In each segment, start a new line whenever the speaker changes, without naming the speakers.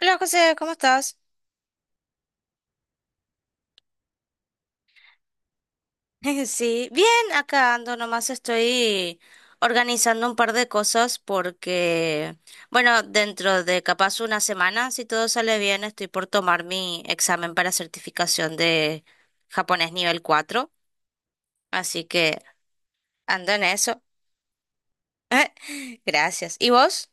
Hola José, ¿cómo estás? Sí, bien, acá ando, nomás estoy organizando un par de cosas porque, bueno, dentro de capaz una semana, si todo sale bien, estoy por tomar mi examen para certificación de japonés nivel 4. Así que ando en eso. Gracias. ¿Y vos?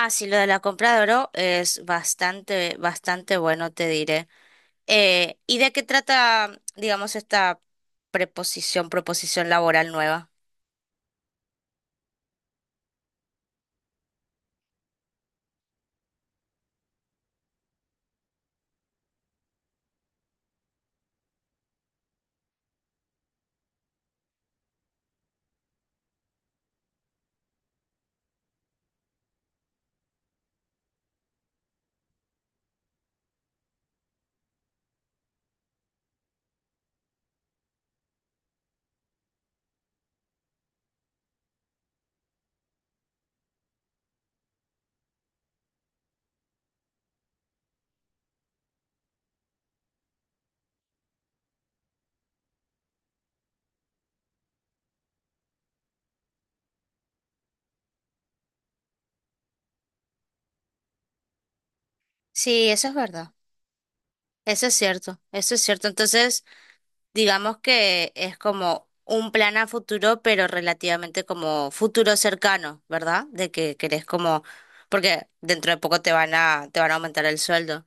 Ah, sí, lo de la compra de oro es bastante, bastante bueno, te diré. ¿Y de qué trata, digamos, esta proposición laboral nueva? Sí, eso es verdad. Eso es cierto, eso es cierto. Entonces, digamos que es como un plan a futuro, pero relativamente como futuro cercano, ¿verdad? De que querés como, porque dentro de poco te van a aumentar el sueldo.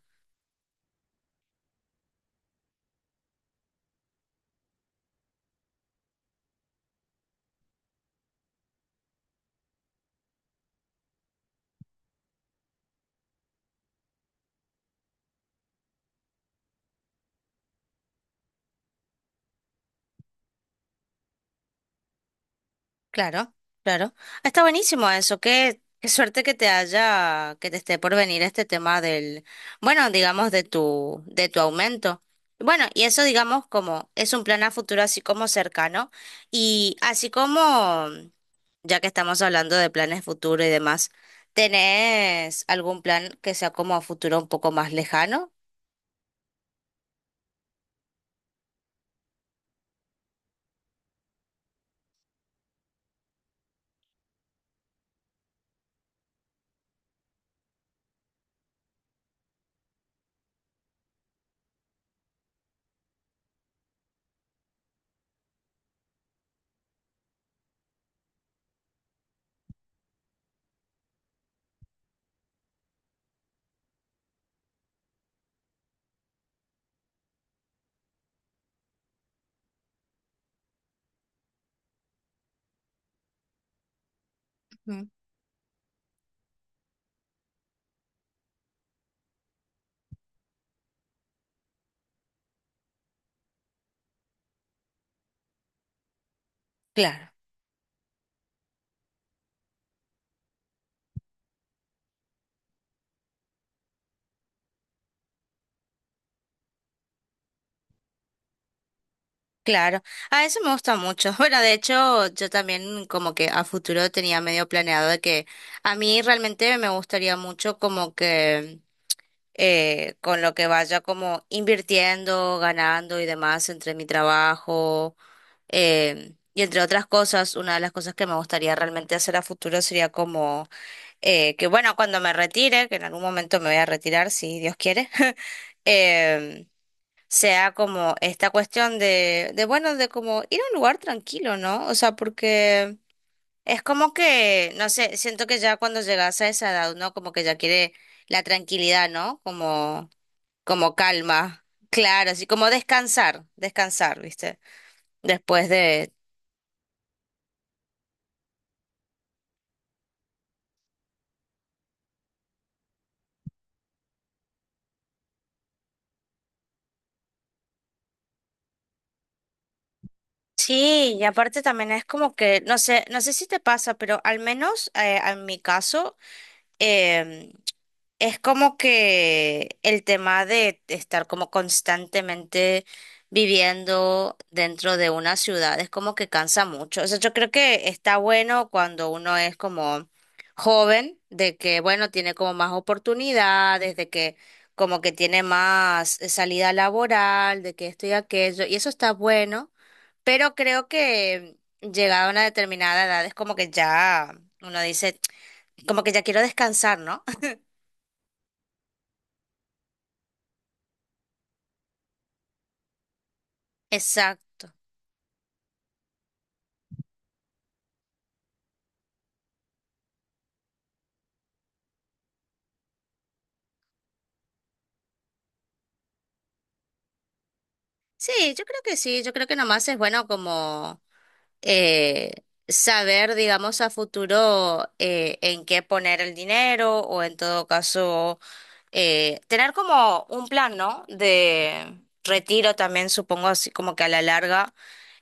Claro, claro. Está buenísimo eso. Qué suerte que te haya, que te esté por venir este tema del, bueno, digamos, de tu aumento. Bueno, y eso, digamos, como es un plan a futuro así como cercano. Y así como, ya que estamos hablando de planes futuro y demás, ¿tenés algún plan que sea como a futuro un poco más lejano? Ujú. Claro. Claro, a eso me gusta mucho. Bueno, de hecho, yo también como que a futuro tenía medio planeado de que a mí realmente me gustaría mucho como que con lo que vaya como invirtiendo, ganando y demás entre mi trabajo y entre otras cosas, una de las cosas que me gustaría realmente hacer a futuro sería como que bueno, cuando me retire, que en algún momento me voy a retirar si Dios quiere. em, sea como esta cuestión bueno, de como ir a un lugar tranquilo, ¿no? O sea, porque es como que, no sé, siento que ya cuando llegas a esa edad, ¿no? Como que ya quiere la tranquilidad, ¿no? Como calma, claro, así como descansar, descansar, ¿viste? Después de. Sí, y aparte también es como que, no sé, no sé si te pasa, pero al menos en mi caso, em, Es como que el tema de estar como constantemente viviendo dentro de una ciudad es como que cansa mucho. O sea, yo creo que está bueno cuando uno es como joven, de que, bueno, tiene como más oportunidades, de que como que tiene más salida laboral, de que esto y aquello, y eso está bueno, pero creo que llegada a una determinada edad es como que ya uno dice, como que ya quiero descansar, ¿no? Exacto. Sí, yo creo que sí, yo creo que nomás es bueno como eh, saber, digamos, a futuro en qué poner el dinero o en todo caso tener como un plan, ¿no? De retiro también, supongo, así como que a la larga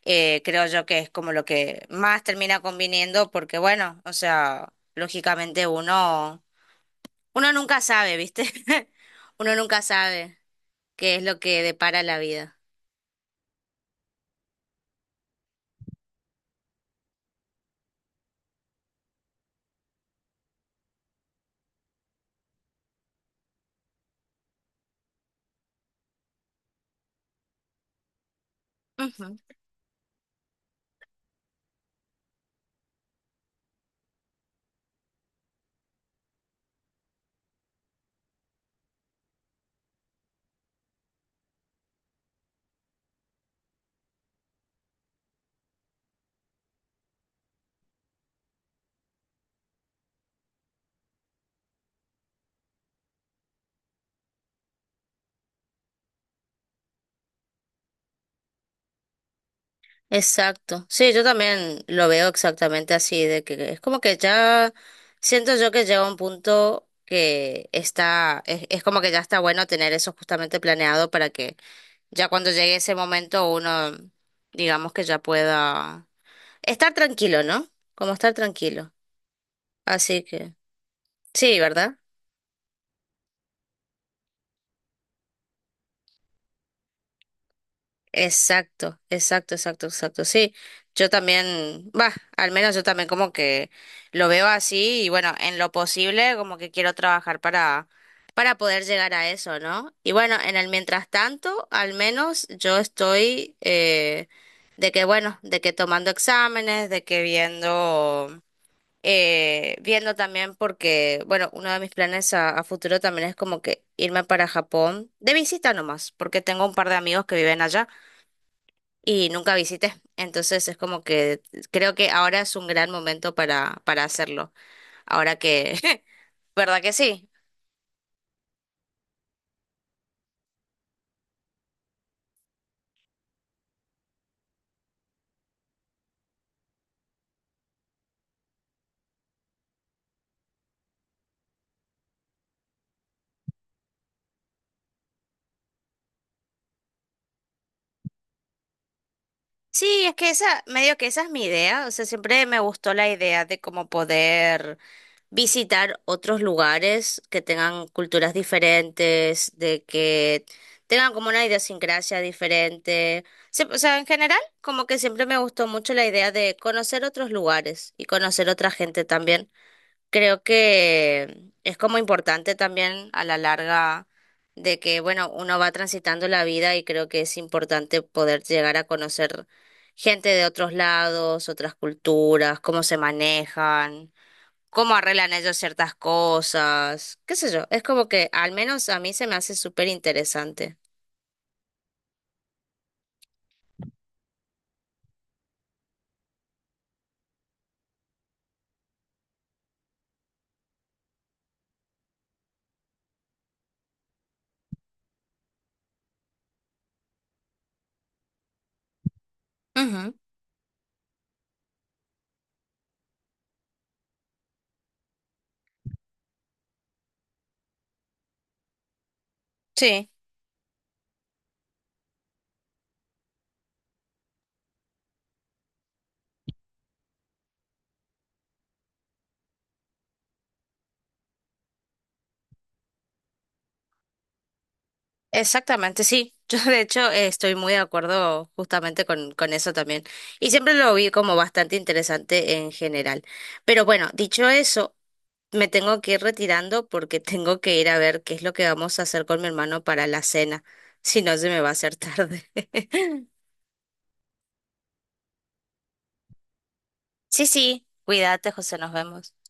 creo yo que es como lo que más termina conviniendo porque bueno, o sea, lógicamente uno nunca sabe, ¿viste? Uno nunca sabe qué es lo que depara la vida. Exacto. Sí, yo también lo veo exactamente así, de que es como que ya siento yo que llega un punto que es como que ya está bueno tener eso justamente planeado para que ya cuando llegue ese momento uno, digamos que ya pueda estar tranquilo, ¿no? Como estar tranquilo. Así que, sí, ¿verdad? Exacto, exacto, exacto, exacto. Sí, yo también, va, al menos yo también como que lo veo así y bueno, en lo posible como que quiero trabajar para poder llegar a eso, ¿no? Y bueno, en el mientras tanto, al menos yo estoy de que bueno, de que tomando exámenes, de que viendo viendo también porque bueno, uno de mis planes a futuro también es como que irme para Japón de visita nomás, porque tengo un par de amigos que viven allá y nunca visité. Entonces es como que creo que ahora es un gran momento para hacerlo. Ahora que, ¿verdad que sí? Sí, es que esa, medio que esa es mi idea. O sea, siempre me gustó la idea de cómo poder visitar otros lugares que tengan culturas diferentes, de que tengan como una idiosincrasia diferente. Sí, o sea, en general, como que siempre me gustó mucho la idea de conocer otros lugares y conocer otra gente también. Creo que es como importante también a la larga de que, bueno, uno va transitando la vida y creo que es importante poder llegar a conocer gente de otros lados, otras culturas, cómo se manejan, cómo arreglan ellos ciertas cosas, qué sé yo. Es como que al menos a mí se me hace súper interesante. Ujú, sí. Exactamente, sí. Yo de hecho estoy muy de acuerdo justamente con eso también. Y siempre lo vi como bastante interesante en general. Pero bueno, dicho eso, me tengo que ir retirando porque tengo que ir a ver qué es lo que vamos a hacer con mi hermano para la cena. Si no, se me va a hacer tarde. Sí, sí, cuídate, José, nos vemos.